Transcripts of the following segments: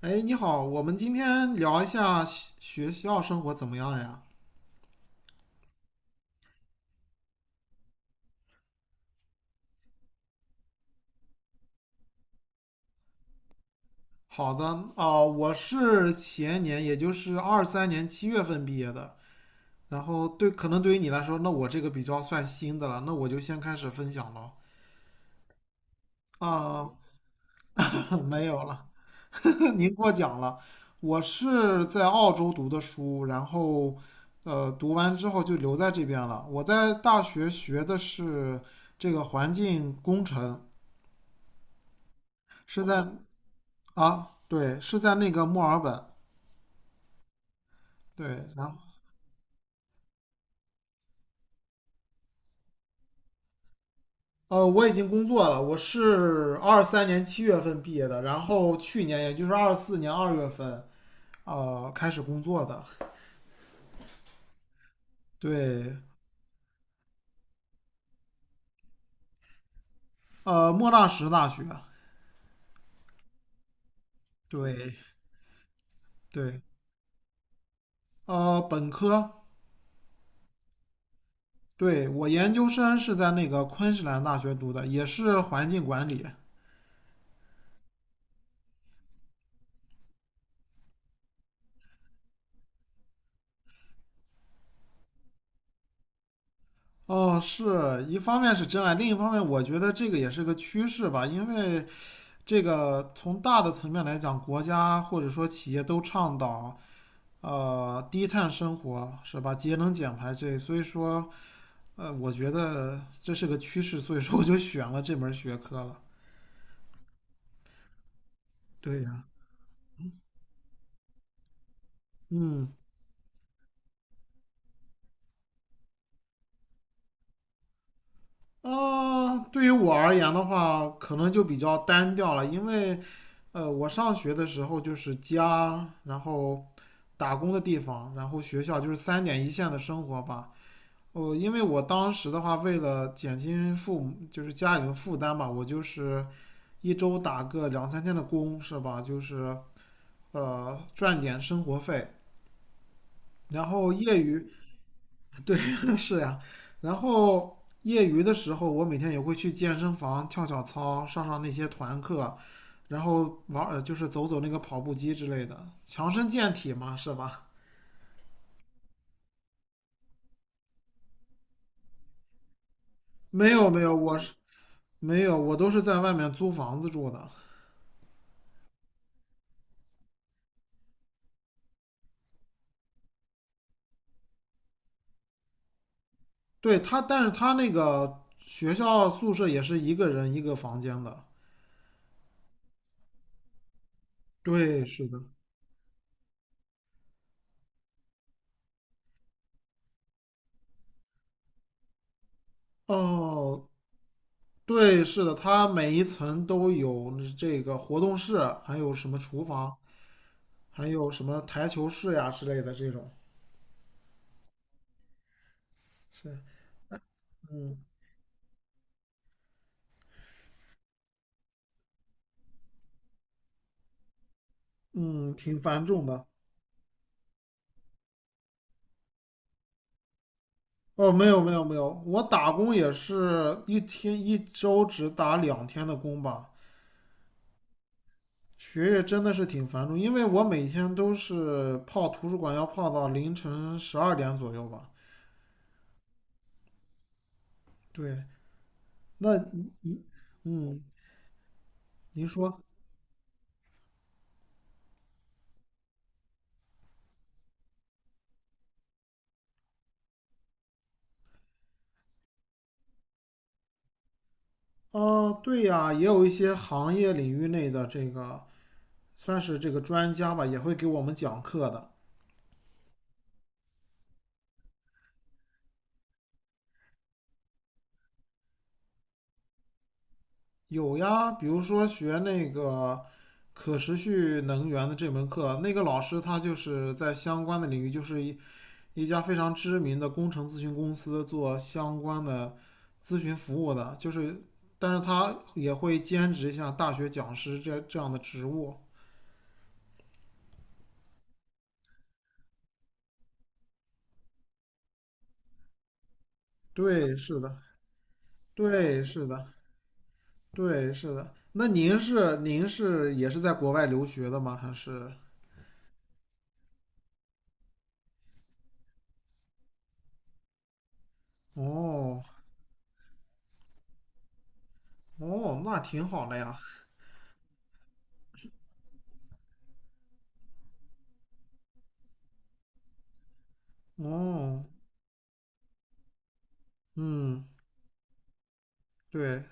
哎，你好，我们今天聊一下学校生活怎么样呀？好的，哦，我是前年，也就是二三年七月份毕业的。然后对，可能对于你来说，那我这个比较算新的了，那我就先开始分享了。啊，没有了，您过奖了。我是在澳洲读的书，然后，读完之后就留在这边了。我在大学学的是这个环境工程，是在啊，对，是在那个墨尔本。对，然后我已经工作了，我是二三年七月份毕业的，然后去年也就是24年2月份开始工作的。对，莫纳什大学。对对，本科。对，我研究生是在那个昆士兰大学读的，也是环境管理。哦，是一方面是真爱，另一方面我觉得这个也是个趋势吧，因为这个从大的层面来讲，国家或者说企业都倡导低碳生活，是吧？节能减排这，所以说我觉得这是个趋势，所以说我就选了这门学科了。对呀，嗯，对于我而言的话，可能就比较单调了，因为，我上学的时候就是家，然后打工的地方，然后学校，就是三点一线的生活吧。哦，因为我当时的话，为了减轻父母就是家里的负担吧，我就是一周打个两三天的工，是吧？就是赚点生活费，然后是呀，然后业余的时候，我每天也会去健身房跳跳操，上上那些团课，然后就是走走那个跑步机之类的，强身健体嘛，是吧？没有没有，我是没有，我都是在外面租房子住的。对他，但是他那个学校宿舍也是一个人一个房间的。对，是的。哦，对，是的，他每一层都有这个活动室，还有什么厨房。还有什么台球室呀之类的这种，是，嗯嗯，挺繁重的。哦，没有没有没有，我打工也是一天一周只打两天的工吧。学业真的是挺繁重，因为我每天都是泡图书馆，要泡到凌晨12点左右吧。对，那嗯，您说，哦，对呀，也有一些行业领域内的这个算是这个专家吧，也会给我们讲课的。有呀，比如说学那个可持续能源的这门课，那个老师他就是在相关的领域，就是一家非常知名的工程咨询公司做相关的咨询服务的，就是但是他也会兼职一下大学讲师这样的职务。对，是的，对，是的，对，是的。那您是您是也是在国外留学的吗？还是？哦哦，那挺好的呀。哦，嗯。对，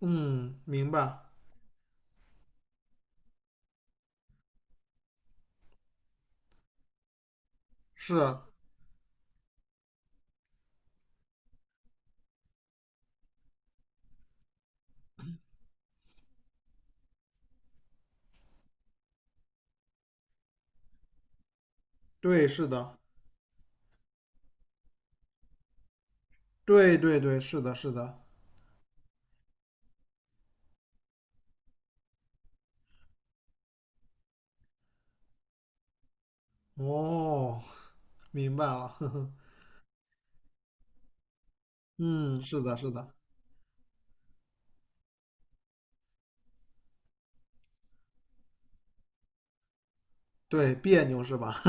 嗯，明白，是，对，是的，对对对，是的，是的，哦，明白了，呵呵，嗯，是的，是的，对，别扭是吧？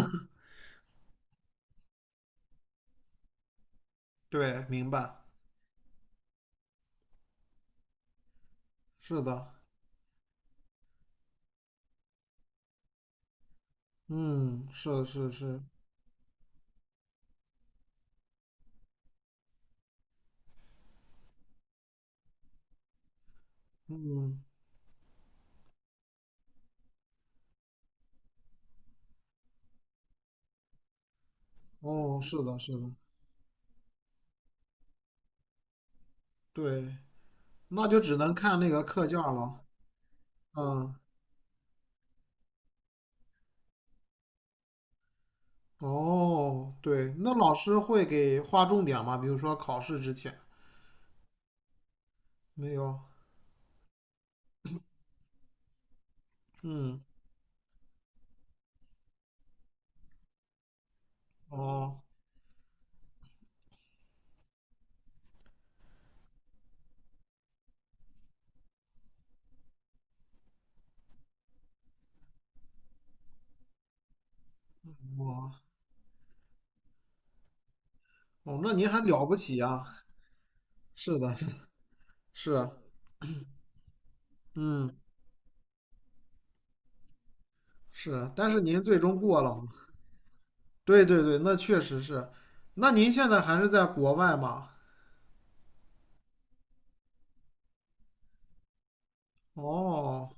对，明白，是的，嗯，是是是，嗯，哦，是的，是的，对，那就只能看那个课件儿了，嗯，哦，对，那老师会给划重点吗？比如说考试之前，没有，嗯，哦，哦，那您还了不起呀，是的，是啊，嗯，是啊，但是您最终过了吗？对对对，那确实是。那您现在还是在国外吗？哦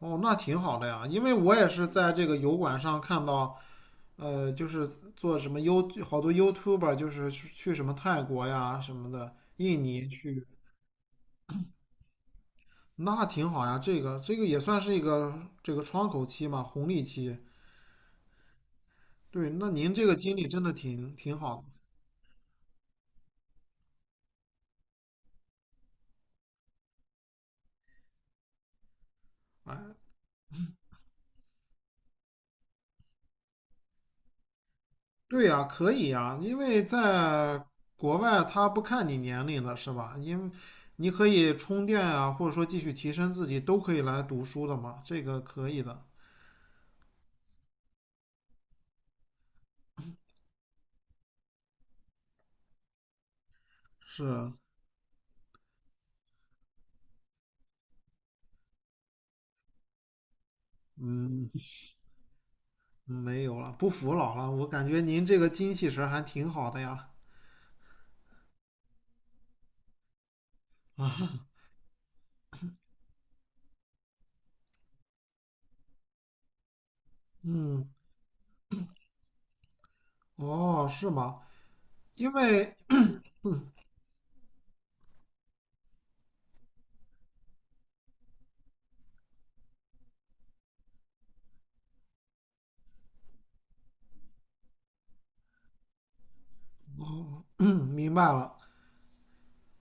哦，那挺好的呀，因为我也是在这个油管上看到，就是做什么 You 好多 YouTuber 就是去什么泰国呀什么的，印尼去，那挺好呀。这个这个也算是一个这个窗口期嘛，红利期。对，那您这个经历真的挺挺好的。对呀，可以呀，因为在国外他不看你年龄的是吧？因为你可以充电啊，或者说继续提升自己，都可以来读书的嘛，这个可以的。是，嗯，嗯，没有了，不服老了，我感觉您这个精气神儿还挺好的呀。嗯，哦，是吗？因为，明白了，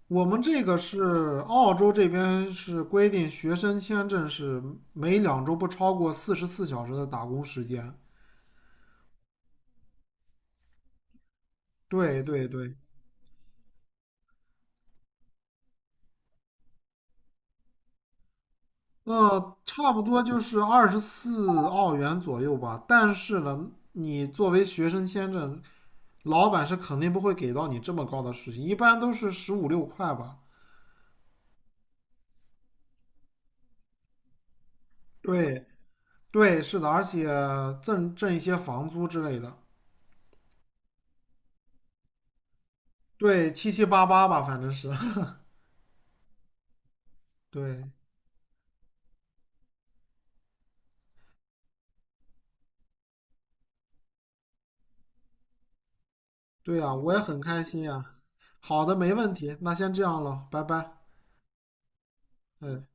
我们这个是澳洲这边是规定，学生签证是每2周不超过44小时的打工时间。对对对，那差不多就是24澳元左右吧。但是呢，你作为学生签证，老板是肯定不会给到你这么高的事情，一般都是十五六块吧。对对，是的，而且挣一些房租之类的。对，七七八八吧，反正是。对对呀，我也很开心呀。好的，没问题，那先这样了，拜拜。嗯。